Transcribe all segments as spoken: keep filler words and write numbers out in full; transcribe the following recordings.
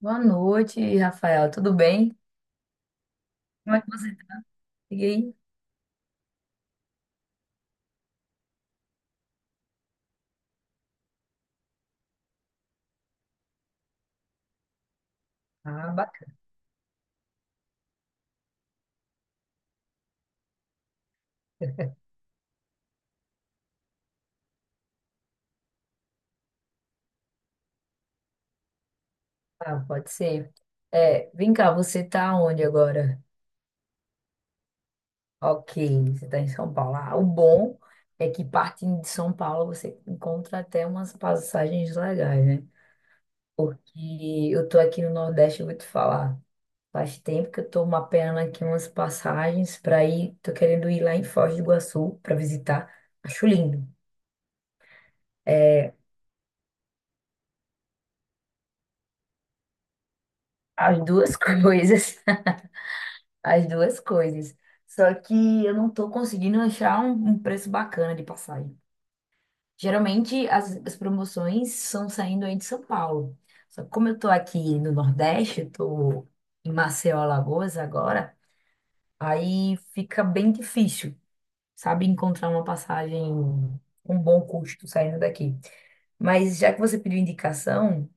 Boa noite, Rafael. Tudo bem? Como é que você tá? E aí? Ah, bacana, pode ser. É, vem cá, você tá onde agora? Ok, você tá em São Paulo. Ah, o bom é que partindo de São Paulo você encontra até umas passagens legais, né? Porque eu tô aqui no Nordeste, eu vou te falar. Faz tempo que eu tô mapeando aqui umas passagens para ir. Tô querendo ir lá em Foz do Iguaçu para visitar. Acho lindo. É, as duas coisas. As duas coisas. Só que eu não tô conseguindo achar um, um preço bacana de passagem. Geralmente as, as promoções são saindo aí de São Paulo. Só que como eu tô aqui no Nordeste, eu tô em Maceió, Alagoas agora, aí fica bem difícil, sabe, encontrar uma passagem com bom custo saindo daqui. Mas já que você pediu indicação,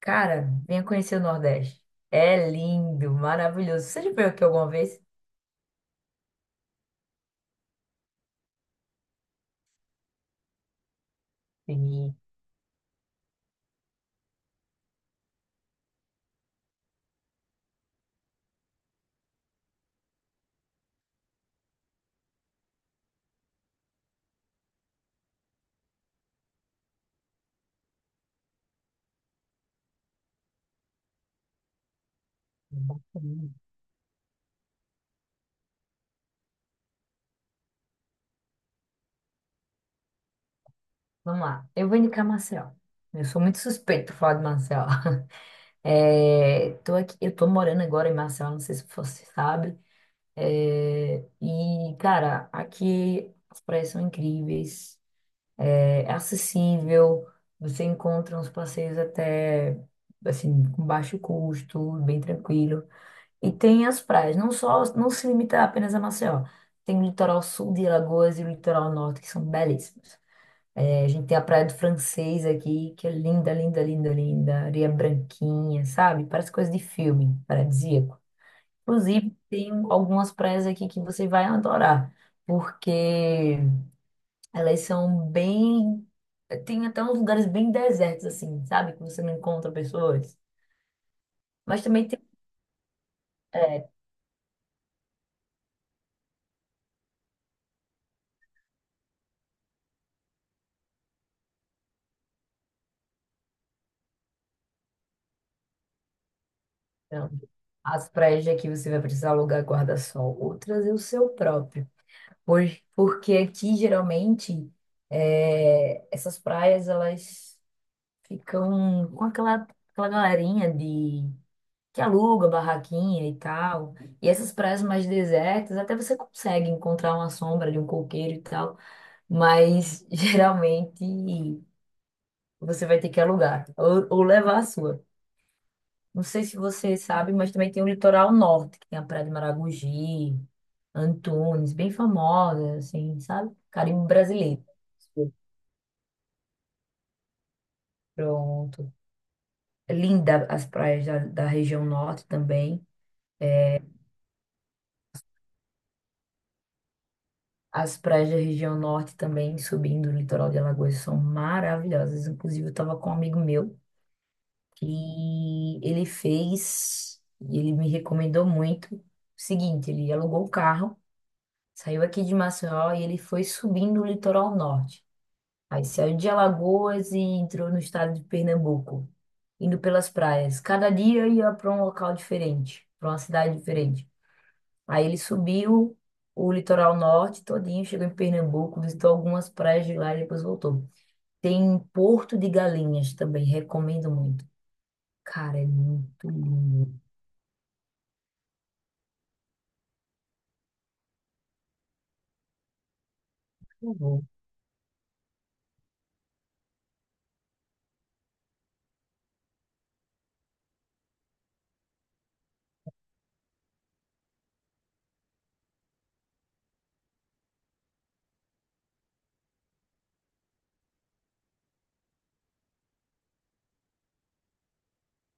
cara, venha conhecer o Nordeste. É lindo, maravilhoso. Você já veio aqui alguma vez? Sim. Vamos lá. Eu vou indicar Maceió. Eu sou muito suspeito falar de Maceió. É, tô aqui, eu tô morando agora em Maceió, não sei se você sabe. É, e, cara, aqui as praias são incríveis, é, é acessível, você encontra uns passeios até, assim, com baixo custo, bem tranquilo. E tem as praias, não só, não se limita apenas a Maceió. Tem o litoral sul de Alagoas e o litoral norte, que são belíssimos. É, a gente tem a Praia do Francês aqui, que é linda, linda, linda, linda. Areia branquinha, sabe? Parece coisa de filme, paradisíaco. Inclusive, tem algumas praias aqui que você vai adorar, porque elas são bem. Tem até uns lugares bem desertos, assim, sabe? Que você não encontra pessoas. Mas também tem. Então, as praias de aqui você vai precisar alugar guarda-sol, outras é o seu próprio. Por- Porque aqui, geralmente, é, essas praias, elas ficam com aquela, aquela galerinha de que aluga barraquinha e tal. E essas praias mais desertas, até você consegue encontrar uma sombra de um coqueiro e tal, mas geralmente você vai ter que alugar ou, ou levar a sua. Não sei se você sabe, mas também tem o litoral norte, que tem a Praia de Maragogi, Antunes, bem famosa, assim, sabe? Caribe brasileiro. Pronto. É linda as praias da, da região norte também. As praias da região norte também, subindo o litoral de Alagoas, são maravilhosas. Inclusive, eu estava com um amigo meu que ele fez, e ele me recomendou muito. O seguinte, ele alugou o carro, saiu aqui de Maceió e ele foi subindo o litoral norte. Aí saiu de Alagoas e entrou no estado de Pernambuco, indo pelas praias. Cada dia ia para um local diferente, para uma cidade diferente. Aí ele subiu o litoral norte todinho, chegou em Pernambuco, visitou algumas praias de lá e depois voltou. Tem Porto de Galinhas também, recomendo muito. Cara, é muito lindo. Eu vou.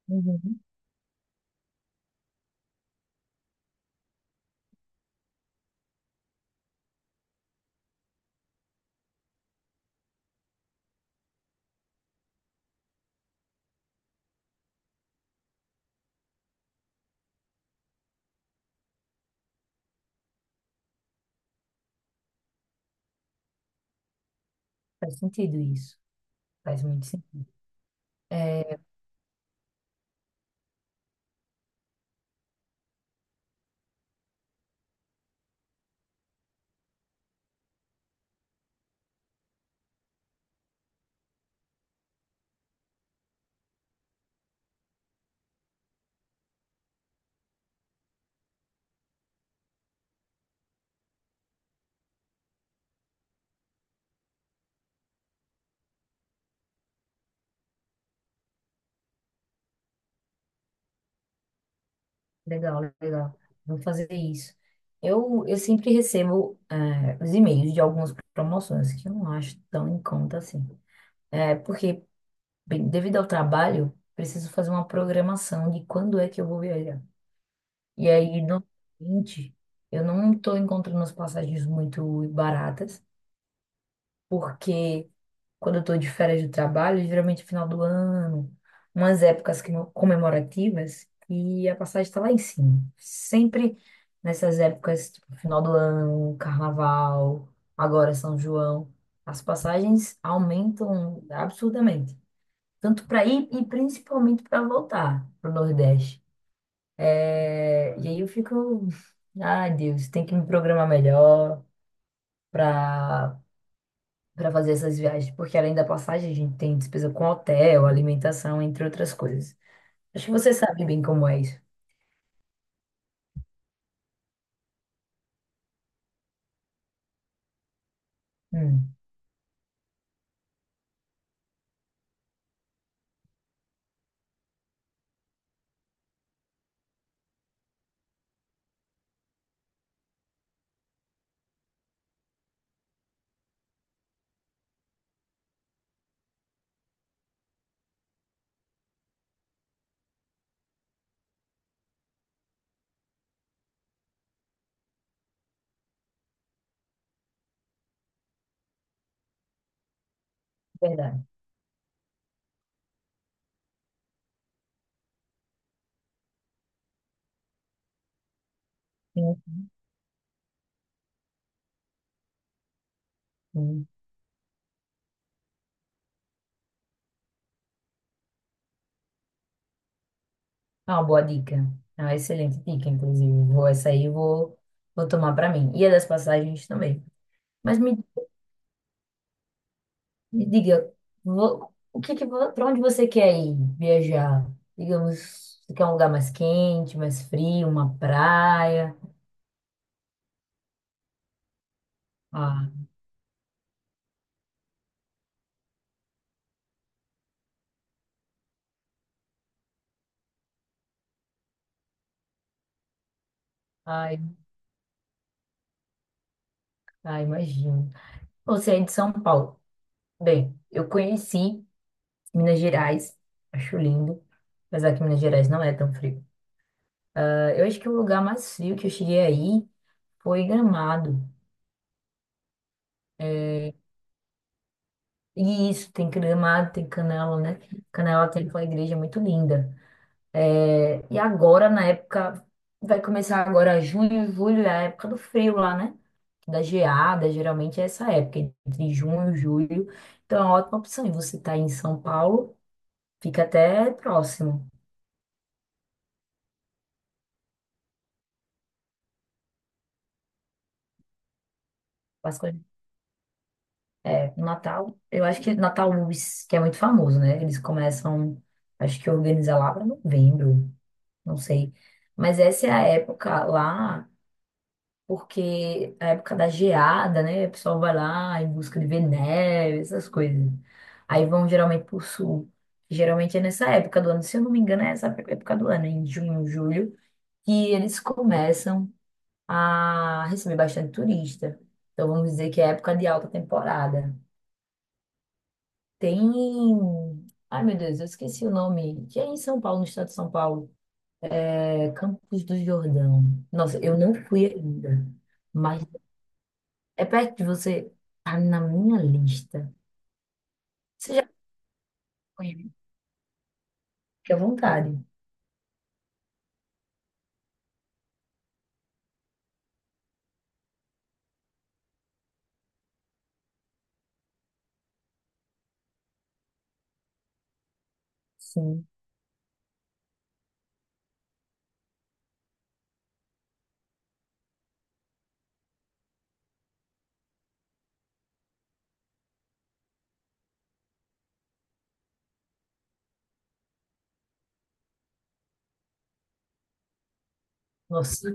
Uhum. Faz sentido isso. Faz muito sentido. É, legal, legal. Vou fazer isso. Eu, eu sempre recebo eh, os e-mails de algumas promoções que eu não acho tão em conta assim. É, porque, bem, devido ao trabalho, preciso fazer uma programação de quando é que eu vou viajar. E aí, normalmente, eu não estou encontrando as passagens muito baratas, porque quando eu estou de férias de trabalho, geralmente é final do ano, umas épocas que não- comemorativas, e a passagem está lá em cima. Sempre nessas épocas, tipo, final do ano, carnaval, agora São João, as passagens aumentam absurdamente, tanto para ir e principalmente para voltar para o Nordeste. É, e aí eu fico, ai Deus, tem que me programar melhor para para fazer essas viagens, porque além da passagem a gente tem despesa com hotel, alimentação, entre outras coisas. Acho que você sabe bem como é isso. Hum, verdade. Sim, sim. Ah, uma boa dica. Ah, excelente dica, inclusive. Vou essa aí, eu vou vou tomar para mim. E a das passagens também. Mas me me diga, vo- o que que, para onde você quer ir viajar? Digamos, você quer um lugar mais quente, mais frio, uma praia? Ah, ai, ai, imagino. Você é de São Paulo. Bem, eu conheci Minas Gerais, acho lindo, apesar que Minas Gerais não é tão frio. Ah, eu acho que o lugar mais frio que eu cheguei aí foi Gramado. E isso, tem Gramado, tem Canela, né? Canela tem aquela igreja muito linda. É, e agora, na época, vai começar agora junho, julho, é a época do frio lá, né? Da geada, geralmente é essa época, entre junho e julho. Então é uma ótima opção. E você tá em São Paulo, fica até próximo. Páscoa, é, no Natal, eu acho que Natal Luz, que é muito famoso, né? Eles começam, acho que organiza lá para novembro, não sei. Mas essa é a época lá porque a época da geada, né? O pessoal vai lá em busca de ver neve, essas coisas. Aí vão geralmente pro sul. Geralmente é nessa época do ano, se eu não me engano, é essa época do ano, em junho, julho, que eles começam a receber bastante turista. Então vamos dizer que é época de alta temporada. Tem. Ai, meu Deus, eu esqueci o nome. Que é em São Paulo, no estado de São Paulo. É Campos do Jordão. Nossa, eu não fui ainda. Mas é perto de você. Tá na minha lista. Você já foi, né? Fique à vontade. Sim. Nossa,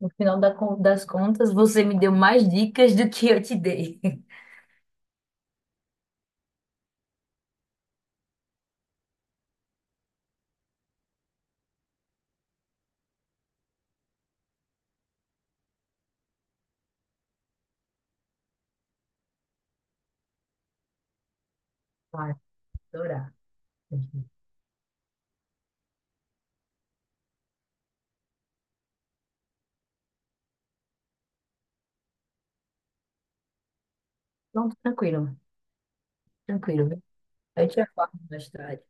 no final da con- das contas, você me deu mais dicas do que eu te dei. Vai, adorar. Pronto, tranquilo, tranquilo, viu? A gente já fala mais tarde.